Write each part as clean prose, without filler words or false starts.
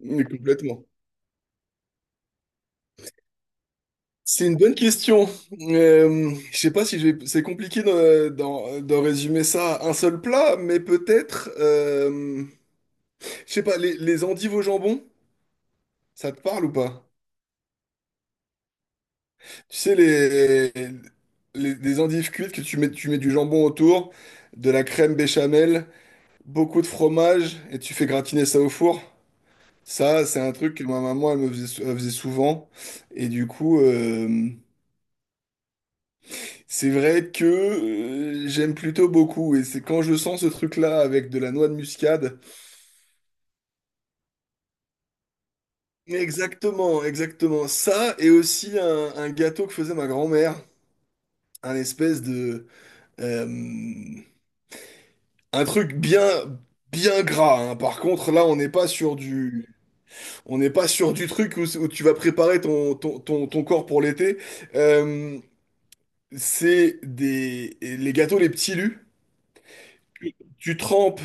Mais complètement. C'est une bonne question. Je sais pas si je vais... C'est compliqué d'en résumer ça à un seul plat, mais peut-être, je sais pas, les endives au jambon, ça te parle ou pas? Tu sais, les endives cuites que tu mets du jambon autour, de la crème béchamel, beaucoup de fromage, et tu fais gratiner ça au four. Ça, c'est un truc que ma maman, elle me faisait, elle faisait souvent. Et du coup, c'est vrai que j'aime plutôt beaucoup, et c'est quand je sens ce truc-là avec de la noix de muscade. Exactement, exactement. Ça, et aussi un gâteau que faisait ma grand-mère, un espèce de euh, un truc bien bien gras, hein. Par contre, là, on n'est pas sur du truc où tu vas préparer ton corps pour l'été. Euh, c'est des les gâteaux les petits lus. Tu trempes.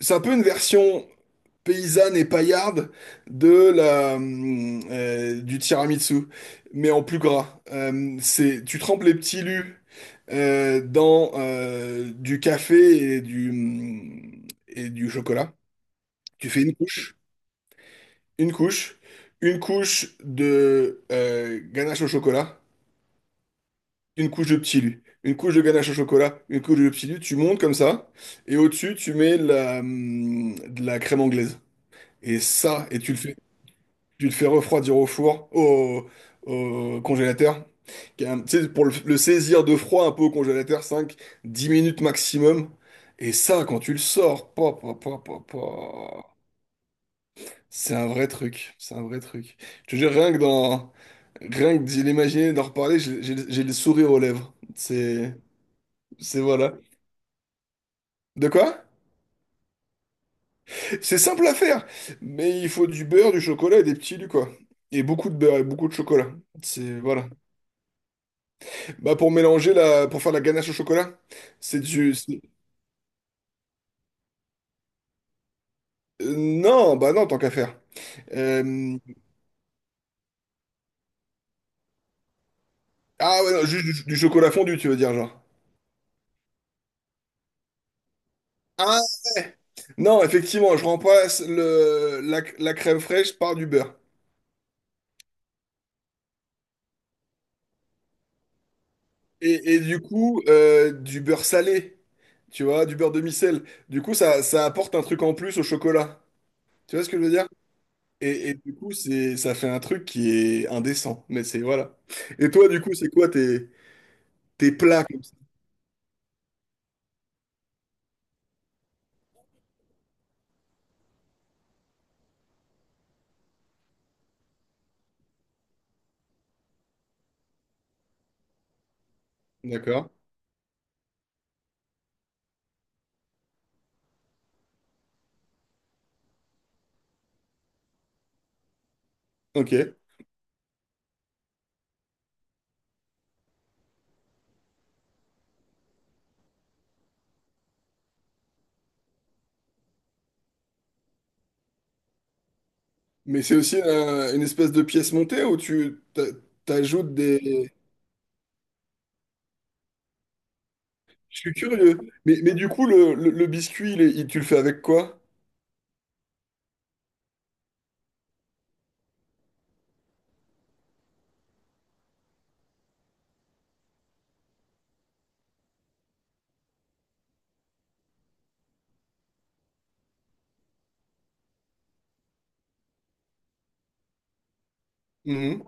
C'est un peu une version paysanne et paillarde du tiramisu, mais en plus gras. Tu trempes les petits lus dans du café et et du chocolat. Tu fais une couche, une couche, une couche de ganache au chocolat, une couche de petits lus. Une couche de ganache au chocolat, une couche de petits lus, tu montes comme ça, et au-dessus, tu mets de la crème anglaise. Et ça, et tu le fais. Tu le fais refroidir au four, au congélateur. Tu sais, pour le saisir de froid un peu au congélateur, 5-10 minutes maximum. Et ça, quand tu le sors, pa, pa, pa, pa, pa, c'est un vrai truc. C'est un vrai truc. Je te jure, rien que d'y l'imaginer, d'en reparler, j'ai le sourire aux lèvres. C'est voilà. De quoi? C'est simple à faire, mais il faut du beurre, du chocolat et des petits lus, quoi. Et beaucoup de beurre et beaucoup de chocolat. C'est, voilà. Bah pour mélanger pour faire la ganache au chocolat, c'est du, c'est- non, bah non, tant qu'à faire. Euh, Ah ouais, non, juste du chocolat fondu, tu veux dire, genre. Ah ouais, non, effectivement, je remplace la crème fraîche par du beurre. Et du coup, du beurre salé, tu vois, du beurre demi-sel. Du coup, ça apporte un truc en plus au chocolat. Tu vois ce que je veux dire? Et du coup, ça fait un truc qui est indécent. Mais c'est, voilà. Et toi, du coup, c'est quoi tes plats comme ça? D'accord. Ok. Mais c'est aussi une espèce de pièce montée où t'ajoutes des... Je suis curieux. Mais, du coup, le biscuit, tu le fais avec quoi? Mhm.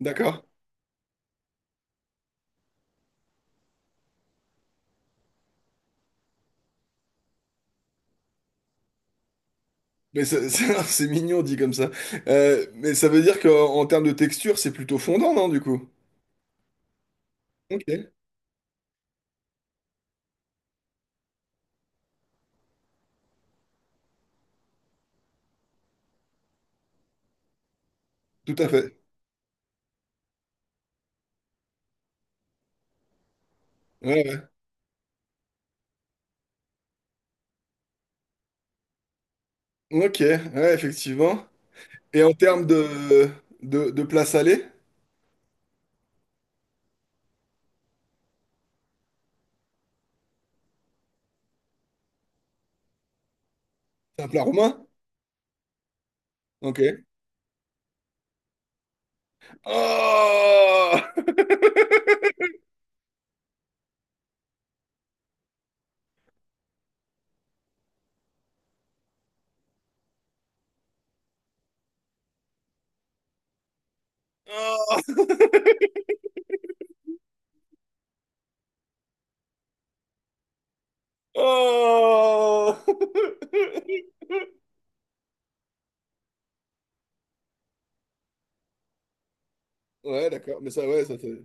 D'accord. Mais c'est mignon dit comme ça. Mais ça veut dire qu'en en termes de texture, c'est plutôt fondant, non, du coup? Ok, tout à fait. Ouais, ouais. Ok, ouais, effectivement. Et en termes de plat salé, c'est un plat roumain? Ok. Oh! Oh, oh. Ouais, d'accord. Mais ça, ouais,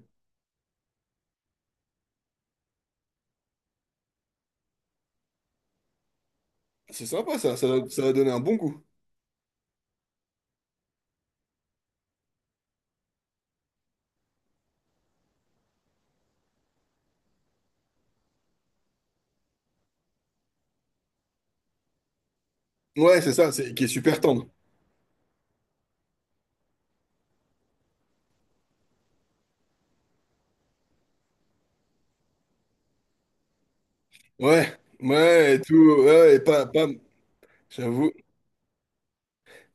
c'est sympa, ça. Ça va donner un bon goût. Ouais, c'est ça, c'est qui est super tendre. Ouais, ouais, et tout. Ouais, et pas... J'avoue,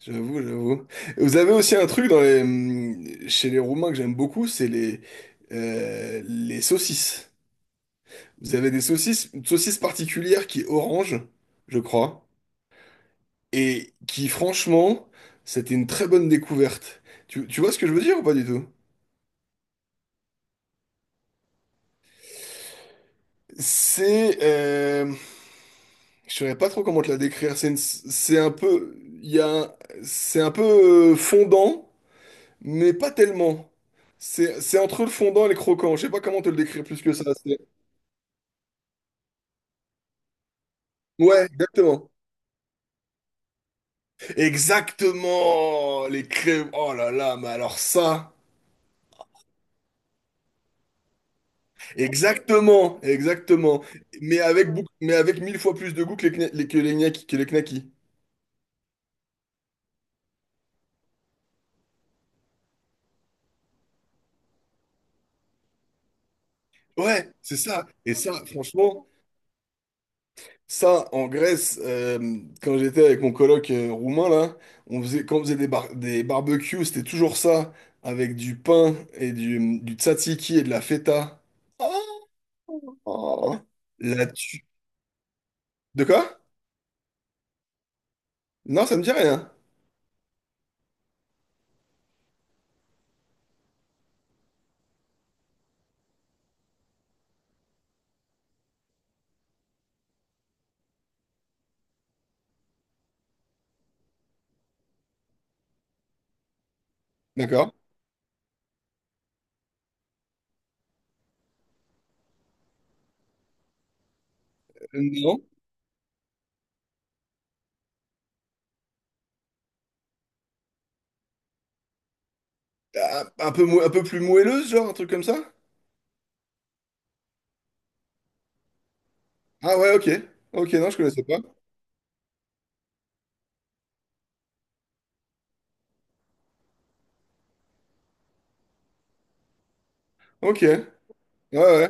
j'avoue, j'avoue. Vous avez aussi un truc chez les Roumains que j'aime beaucoup, c'est les saucisses. Vous avez des saucisses, une saucisse particulière qui est orange, je crois, et qui, franchement, c'était une très bonne découverte. Tu vois ce que je veux dire ou pas du tout? C'est, euh, je saurais pas trop comment te la décrire. C'est une- c'est un peu, il y a, un- C'est un peu fondant, mais pas tellement. C'est entre le fondant et le croquant. Je sais pas comment te le décrire plus que ça. Ouais, exactement. Exactement. Les crèmes. Oh là là, mais alors ça. Exactement, exactement. Mais avec 1000 fois plus de goût que les, kna- les- que les gnaki- que les knackis. Ouais, c'est ça. Et ça, franchement. Ça, en Grèce, quand j'étais avec mon coloc roumain, là, quand on faisait des barbecues, c'était toujours ça, avec du pain et du tzatziki et de la feta. Oh, la tu... De quoi? Non, ça me dit rien. D'accord. Non. Ah, un peu plus moelleuse, genre, un truc comme ça? Ah ouais, ok. Ok, non, je connaissais pas. Ok. Ouais, ouais.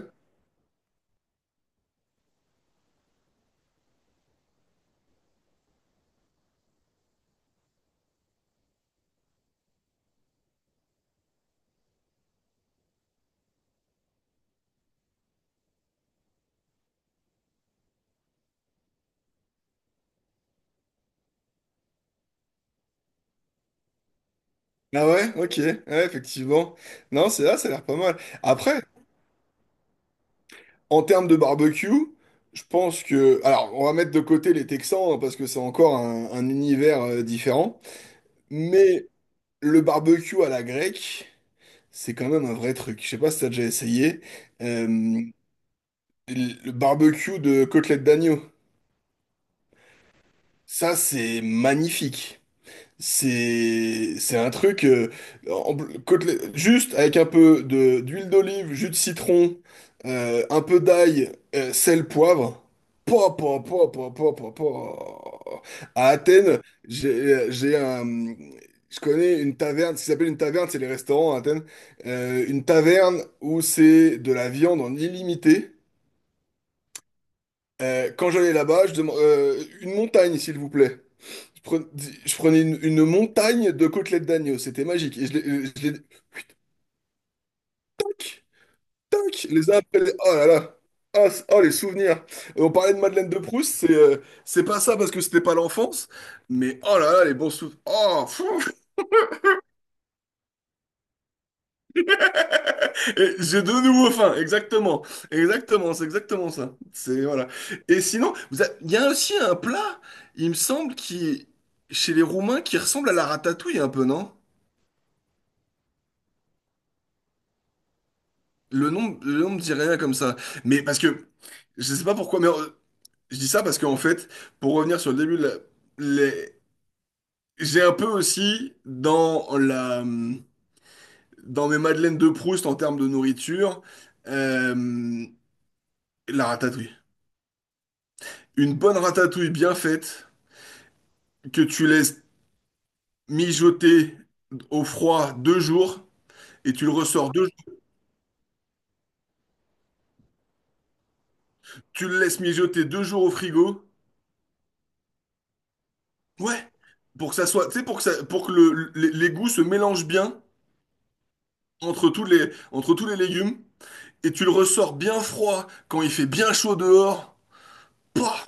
Ah ouais, ok. Ouais, effectivement. Non, c'est là, ça a l'air pas mal. Après, en termes de barbecue, je pense que... Alors, on va mettre de côté les Texans, hein, parce que c'est encore un univers différent. Mais le barbecue à la grecque, c'est quand même un vrai truc. Je sais pas si t'as déjà essayé. Euh, le barbecue de côtelette d'agneau. Ça, c'est magnifique. C'est un truc en- juste avec un peu de d'huile d'olive, jus de citron, un peu d'ail, sel, poivre. Po, po, po, po, po, po, po. À Athènes, j'ai un je connais une taverne, ce qui s'appelle une taverne, c'est les restaurants à Athènes. Une taverne où c'est de la viande en illimité. Quand j'allais là-bas, je demande une montagne, s'il vous plaît. Je prenais, je prenais une montagne de côtelettes d'agneau, c'était magique. Et tac, tac, les uns après les... Oh là là! Ah, oh, les souvenirs! On parlait de Madeleine de Proust, c'est pas ça parce que c'était pas l'enfance, mais oh là là, les bons souvenirs. Oh! Fou. Et j'ai de nouveau faim, exactement. Exactement, c'est exactement ça. C'est, voilà. Et sinon, il y a aussi un plat, il me semble, qui, chez les Roumains, qui ressemble à la ratatouille un peu, non? Le nom me dit rien comme ça. Mais parce que, je sais pas pourquoi, mais je dis ça parce qu'en fait, pour revenir sur le début, les- j'ai un peu aussi dans mes madeleines de Proust en termes de nourriture, euh, la ratatouille. Une bonne ratatouille bien faite, que tu laisses mijoter au froid 2 jours, et tu le ressors 2 jours, tu le laisses mijoter 2 jours au frigo. Ouais, pour que ça soit, tu sais, pour que ça, pour que les goûts se mélangent bien entre tous les légumes, et tu le ressors bien froid quand il fait bien chaud dehors. Pouah.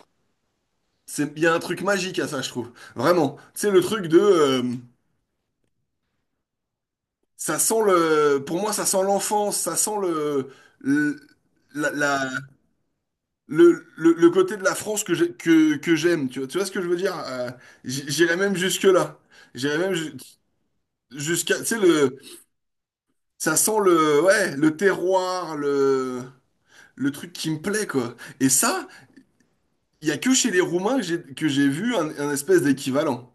Il y a un truc magique à ça, je trouve. Vraiment. Tu sais, le truc ça sent pour moi, ça sent l'enfance, ça sent le, la- le côté de la France que j'aime. Tu vois ce que je veux dire? J'irais même jusque-là. J'irais même jusqu'à, tu sais, ça sent le, ouais, le terroir, le truc qui me plaît, quoi. Et ça, il y a que chez les Roumains que j'ai vu un espèce d'équivalent.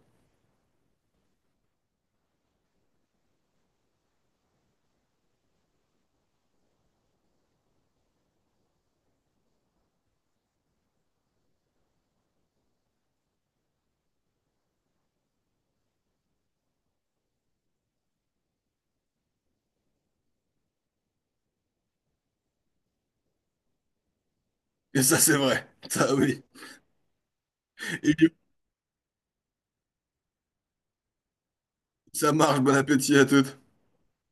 Et ça, c'est vrai. Ça, oui. Et du coup, ça marche, bon appétit à toutes.